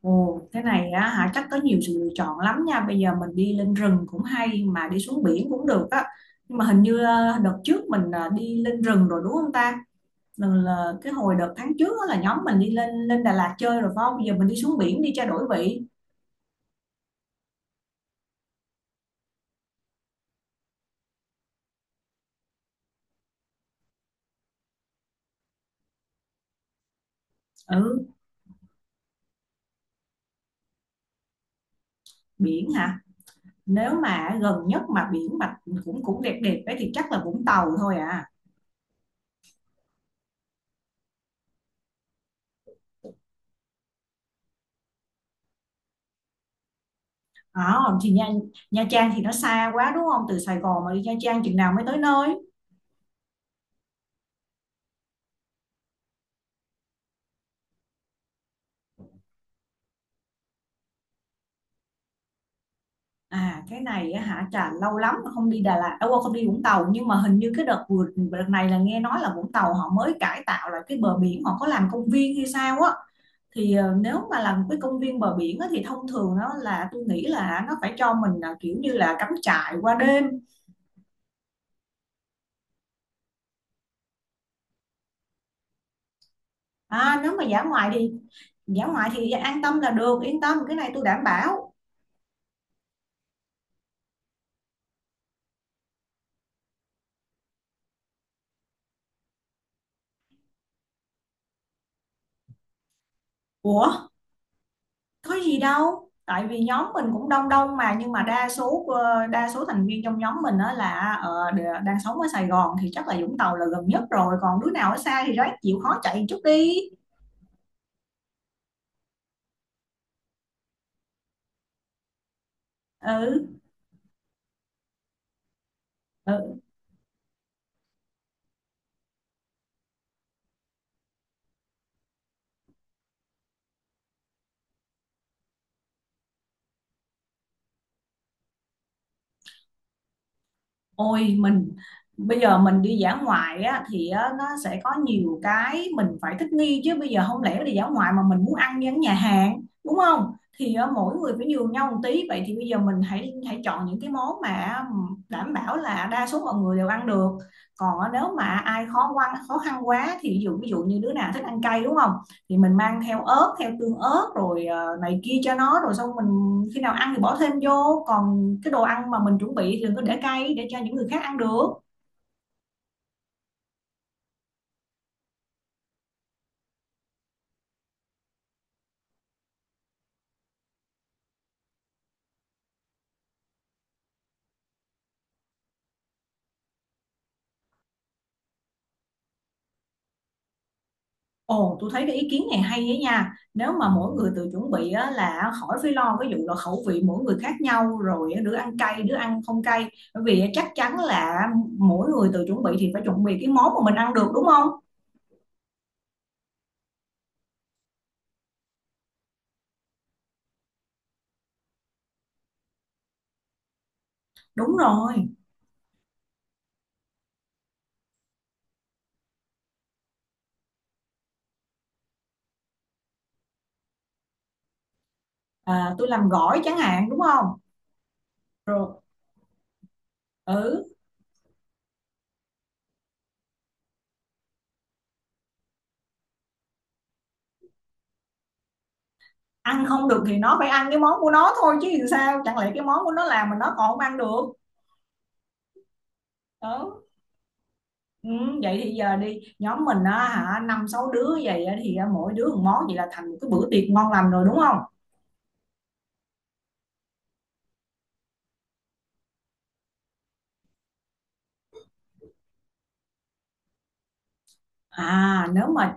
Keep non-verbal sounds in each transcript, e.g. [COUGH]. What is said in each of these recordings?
Ồ, thế này á hả chắc có nhiều sự lựa chọn lắm nha. Bây giờ mình đi lên rừng cũng hay mà đi xuống biển cũng được á. Nhưng mà hình như đợt trước mình đi lên rừng rồi đúng không ta? Lần là cái hồi đợt tháng trước á là nhóm mình đi lên lên Đà Lạt chơi rồi phải không? Bây giờ mình đi xuống biển đi cho đổi vị. Ừ, biển hả? Nếu mà gần nhất mà biển mà cũng cũng đẹp đẹp ấy thì chắc là Vũng Tàu thôi à. Ờ, thì Nha Trang thì nó xa quá đúng không? Từ Sài Gòn mà đi Nha Trang chừng nào mới tới nơi? À, cái này á hả Trà lâu lắm mà không đi Đà Lạt đâu không đi Vũng Tàu, nhưng mà hình như cái đợt vừa đợt này là nghe nói là Vũng Tàu họ mới cải tạo lại cái bờ biển, họ có làm công viên hay sao á, thì nếu mà làm cái công viên bờ biển á, thì thông thường nó là tôi nghĩ là nó phải cho mình là kiểu như là cắm trại qua đêm. À, nếu mà dã ngoại thì an tâm là được, yên tâm cái này tôi đảm bảo. Ủa có gì đâu, tại vì nhóm mình cũng đông đông mà, nhưng mà đa số đa số thành viên trong nhóm mình đó là đang sống ở Sài Gòn thì chắc là Vũng Tàu là gần nhất rồi, còn đứa nào ở xa thì ráng chịu khó chạy chút đi. Ừ. Ừ. Ôi mình bây giờ mình đi dã ngoại á, thì á, nó sẽ có nhiều cái mình phải thích nghi chứ, bây giờ không lẽ đi dã ngoại mà mình muốn ăn như ở nhà hàng đúng không? Thì á, mỗi người phải nhường nhau một tí, vậy thì bây giờ mình hãy hãy chọn những cái món mà đảm bảo là đa số mọi người đều ăn được. Còn á, nếu mà ai khó khăn quá thì ví dụ, như đứa nào thích ăn cay đúng không? Thì mình mang theo ớt, theo tương ớt rồi này kia cho nó, rồi xong mình khi nào ăn thì bỏ thêm vô, còn cái đồ ăn mà mình chuẩn bị thì đừng có để cay, để cho những người khác ăn được. Ồ, tôi thấy cái ý kiến này hay ấy nha, nếu mà mỗi người tự chuẩn bị á, là khỏi phải lo cái vụ là khẩu vị mỗi người khác nhau, rồi đứa ăn cay đứa ăn không cay, bởi vì chắc chắn là mỗi người tự chuẩn bị thì phải chuẩn bị cái món mà mình ăn được đúng không? Đúng rồi. À, tôi làm gỏi chẳng hạn đúng không? Rồi. Ừ. Ăn không được thì nó phải ăn cái món của nó thôi chứ, làm sao chẳng lẽ cái món của nó làm mà nó còn không ăn được. Đó. Ừ, vậy thì giờ đi nhóm mình á hả năm sáu đứa vậy á, thì mỗi đứa một món vậy là thành một cái bữa tiệc ngon lành rồi đúng không? À, nếu mà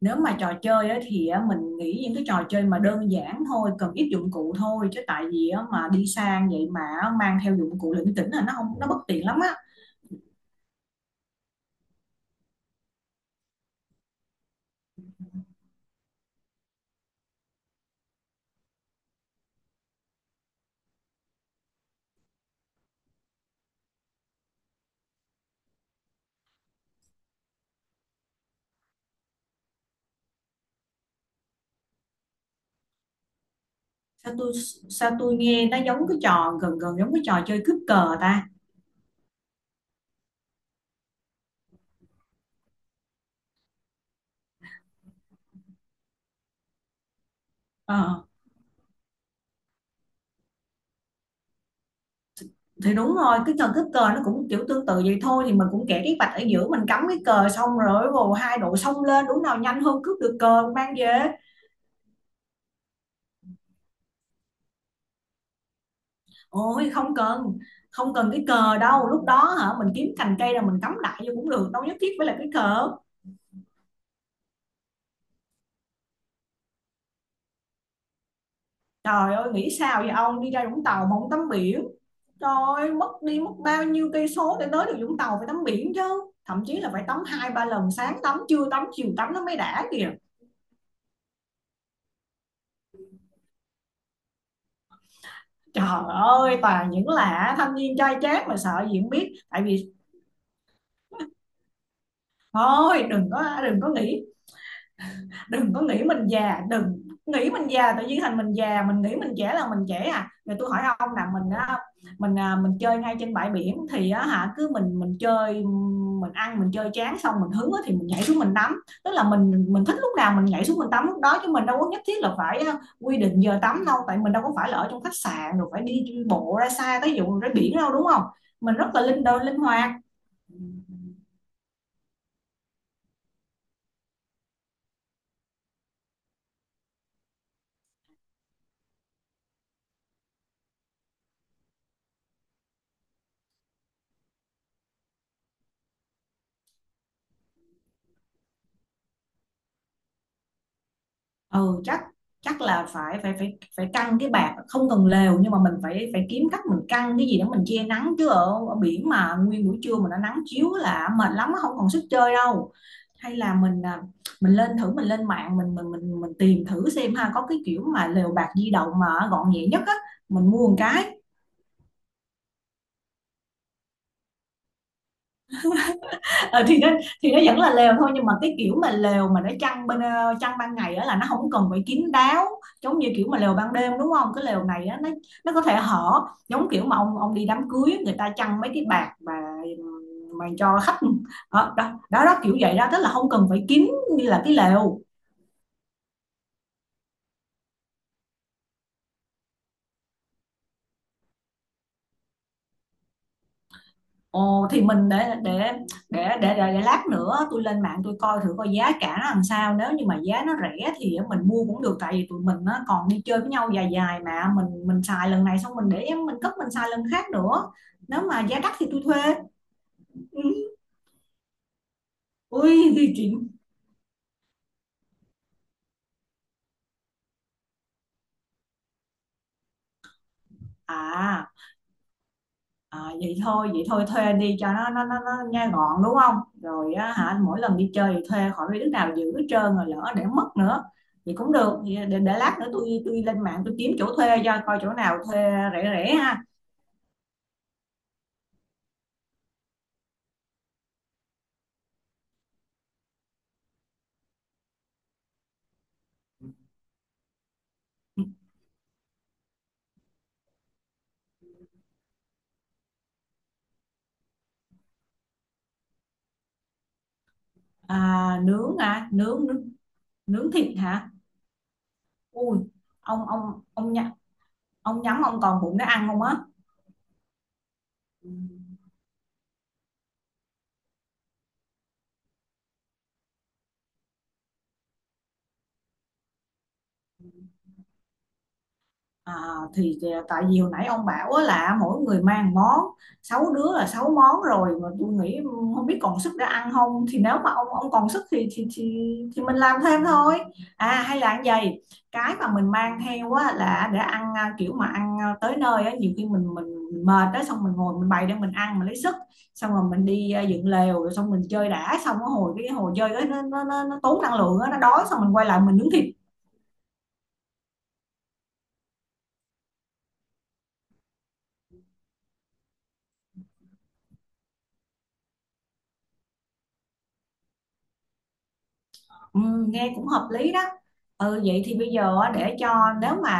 trò chơi á, thì á, mình nghĩ những cái trò chơi mà đơn giản thôi, cần ít dụng cụ thôi, chứ tại vì á, mà đi sang vậy mà á, mang theo dụng cụ lỉnh kỉnh là nó không, nó bất tiện lắm á. Sao tôi sao tôi nghe nó giống cái trò gần gần giống cái trò chơi cướp cờ ta. Ờ, thì đúng rồi, cái trò cướp cờ nó cũng kiểu tương tự vậy thôi, thì mình cũng kẻ cái vạch ở giữa, mình cắm cái cờ, xong rồi vồ hai đội xông lên, đúng nào nhanh hơn cướp được cờ mang về. Ôi không cần cái cờ đâu, lúc đó hả mình kiếm cành cây rồi mình cắm lại vô cũng được, đâu nhất thiết phải là cái cờ. Trời ơi nghĩ sao vậy ông, đi ra Vũng Tàu mà không tắm biển, trời ơi, mất đi mất bao nhiêu cây số để tới được Vũng Tàu, phải tắm biển chứ, thậm chí là phải tắm hai ba lần, sáng tắm trưa tắm chiều tắm nó mới đã kìa. Trời ơi toàn những là thanh niên trai chát mà sợ gì không biết, tại vì thôi đừng có nghĩ, đừng có nghĩ mình già, đừng nghĩ mình già tự nhiên thành mình già, mình nghĩ mình trẻ là mình trẻ, à rồi tôi hỏi ông là mình á, mình chơi ngay trên bãi biển thì á hả cứ mình chơi, mình ăn, mình chơi chán xong mình hứng á thì mình nhảy xuống mình tắm, tức là mình thích lúc nào mình nhảy xuống mình tắm lúc đó, chứ mình đâu có nhất thiết là phải quy định giờ tắm đâu, tại mình đâu có phải là ở trong khách sạn rồi phải đi bộ ra xa tới vụ ra biển đâu đúng không? Mình rất là linh hoạt. Ừ, chắc chắc là phải phải phải phải căng cái bạt, không cần lều, nhưng mà mình phải phải kiếm cách mình căng cái gì để mình che nắng chứ, ở, ở biển mà nguyên buổi trưa mà nó nắng chiếu là mệt lắm, không còn sức chơi đâu. Hay là mình à, mình lên thử mình lên mạng mình tìm thử xem ha, có cái kiểu mà lều bạt di động mà gọn nhẹ nhất á, mình mua một cái. Ờ, thì nó vẫn là lều thôi, nhưng mà cái kiểu mà lều mà nó chăn ban ngày á là nó không cần phải kín đáo giống như kiểu mà lều ban đêm đúng không, cái lều này á nó có thể hở, giống kiểu mà ông đi đám cưới á, người ta chăn mấy cái bạt mà cho khách. Ờ, đó, đó đó kiểu vậy đó, tức là không cần phải kín như là cái lều. Ồ, thì mình để lát nữa tôi lên mạng tôi coi thử coi giá cả nó làm sao, nếu như mà giá nó rẻ thì mình mua cũng được, tại vì tụi mình nó còn đi chơi với nhau dài dài mà, mình xài lần này xong mình để em mình cất, mình xài lần khác nữa, nếu mà giá đắt thì tôi thuê. Ừ. Ui thì chuyện à. À, vậy thôi thuê đi, cho nó nghe gọn đúng không, rồi á, hả mỗi lần đi chơi thì thuê, khỏi biết đứa nào giữ hết trơn rồi lỡ để mất nữa thì cũng được. Vậy để lát nữa tôi lên mạng tôi kiếm chỗ thuê, cho coi chỗ nào thuê rẻ rẻ ha. À, nướng nướng thịt hả? Ui ông nhắm, ông còn bụng để ăn không á? À, thì tại vì hồi nãy ông bảo á là mỗi người mang món, sáu đứa là sáu món rồi mà, tôi nghĩ ừ, không biết còn sức để ăn không, thì nếu mà ông còn sức thì mình làm thêm thôi. À, hay là như vậy, cái mà mình mang theo á là để ăn à, kiểu mà ăn tới nơi á nhiều khi mình mệt đó xong mình ngồi mình bày để mình ăn mình lấy sức, xong rồi mình đi dựng lều, rồi xong mình chơi đã, xong cái hồi chơi đó, nó tốn năng lượng á, nó đói xong mình quay lại mình nướng thịt. Ừ, nghe cũng hợp lý đó. Ừ, vậy thì bây giờ á, để cho nếu mà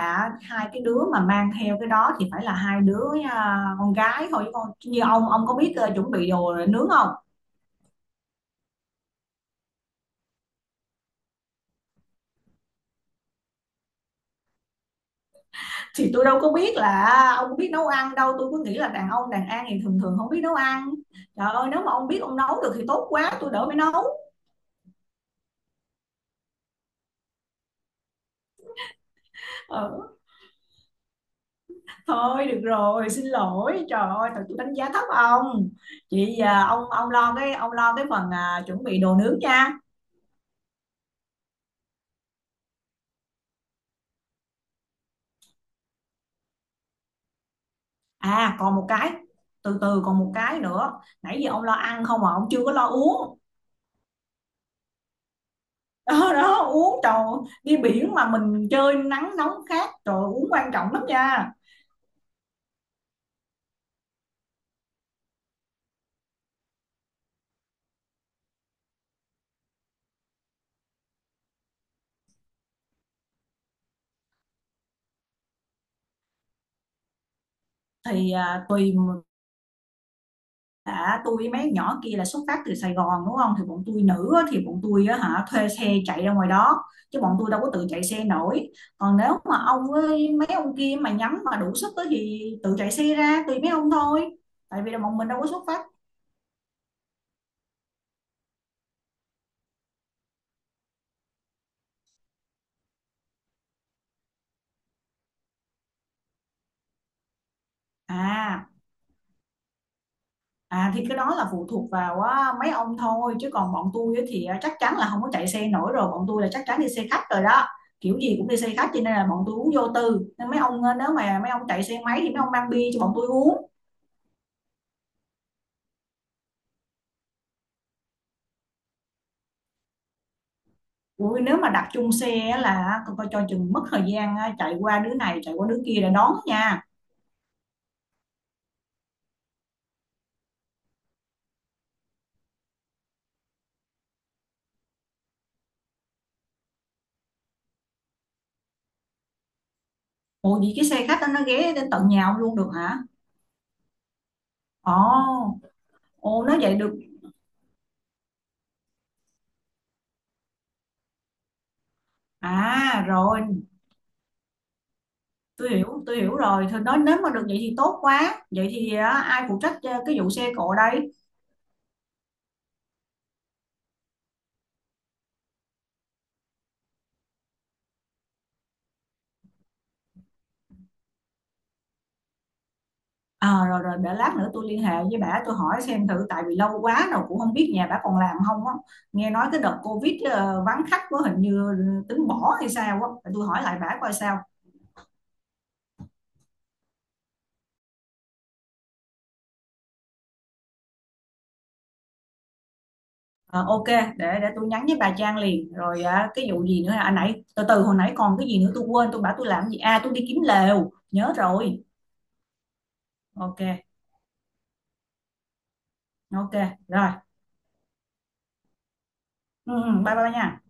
hai cái đứa mà mang theo cái đó thì phải là hai đứa con gái thôi, chứ con như ông có biết chuẩn bị đồ nướng không, thì tôi đâu có biết là ông biết nấu ăn đâu, tôi cứ nghĩ là đàn ông đàn an thì thường thường không biết nấu ăn. Trời ơi nếu mà ông biết ông nấu được thì tốt quá, tôi đỡ phải nấu. Ừ. Thôi được rồi xin lỗi, trời ơi thật tôi đánh giá thấp ông. Chị à, ông lo cái phần chuẩn bị đồ nướng nha. À, còn một cái, từ từ, còn một cái nữa, nãy giờ ông lo ăn không mà ông chưa có lo uống. [LAUGHS] Đó đó uống, trời ơi, đi biển mà mình chơi nắng nóng khác, trời ơi, uống quan trọng lắm nha. Thì tùy đã, tôi với mấy nhỏ kia là xuất phát từ Sài Gòn đúng không, thì bọn tôi nữ á, thì bọn tôi á hả thuê xe chạy ra ngoài đó, chứ bọn tôi đâu có tự chạy xe nổi, còn nếu mà ông với mấy ông kia mà nhắm mà đủ sức á thì tự chạy xe ra tùy mấy ông thôi, tại vì là bọn mình đâu có xuất phát à. À, thì cái đó là phụ thuộc vào á, mấy ông thôi, chứ còn bọn tôi á thì á, chắc chắn là không có chạy xe nổi rồi, bọn tôi là chắc chắn đi xe khách rồi đó, kiểu gì cũng đi xe khách, cho nên là bọn tôi uống vô tư, nên mấy ông á, nếu mà mấy ông chạy xe máy thì mấy ông mang bia cho bọn tôi uống. Ui, nếu mà đặt chung xe á là coi coi cho chừng mất thời gian á, chạy qua đứa này chạy qua đứa kia để đón nha. Ủa vậy cái xe khách đó nó ghé đến tận nhà ông luôn được hả? Ồ, ồ nói vậy được à, rồi tôi hiểu rồi, thôi nói nếu mà được vậy thì tốt quá, vậy thì á, ai phụ trách cái vụ xe cộ đây? À, rồi rồi, để lát nữa tôi liên hệ với bà tôi hỏi xem thử, tại vì lâu quá rồi cũng không biết nhà bà còn làm không á, nghe nói cái đợt covid vắng khách quá, hình như tính bỏ hay sao á. Để tôi hỏi lại bà coi sao. Ờ, ok để tôi nhắn với bà Trang liền, rồi cái vụ gì nữa hả? À nãy từ từ hồi nãy còn cái gì nữa, tôi quên tôi bảo tôi làm gì, à tôi đi kiếm lều nhớ rồi. Ok, ok, rồi. Ừ, ừ, bye bye nha.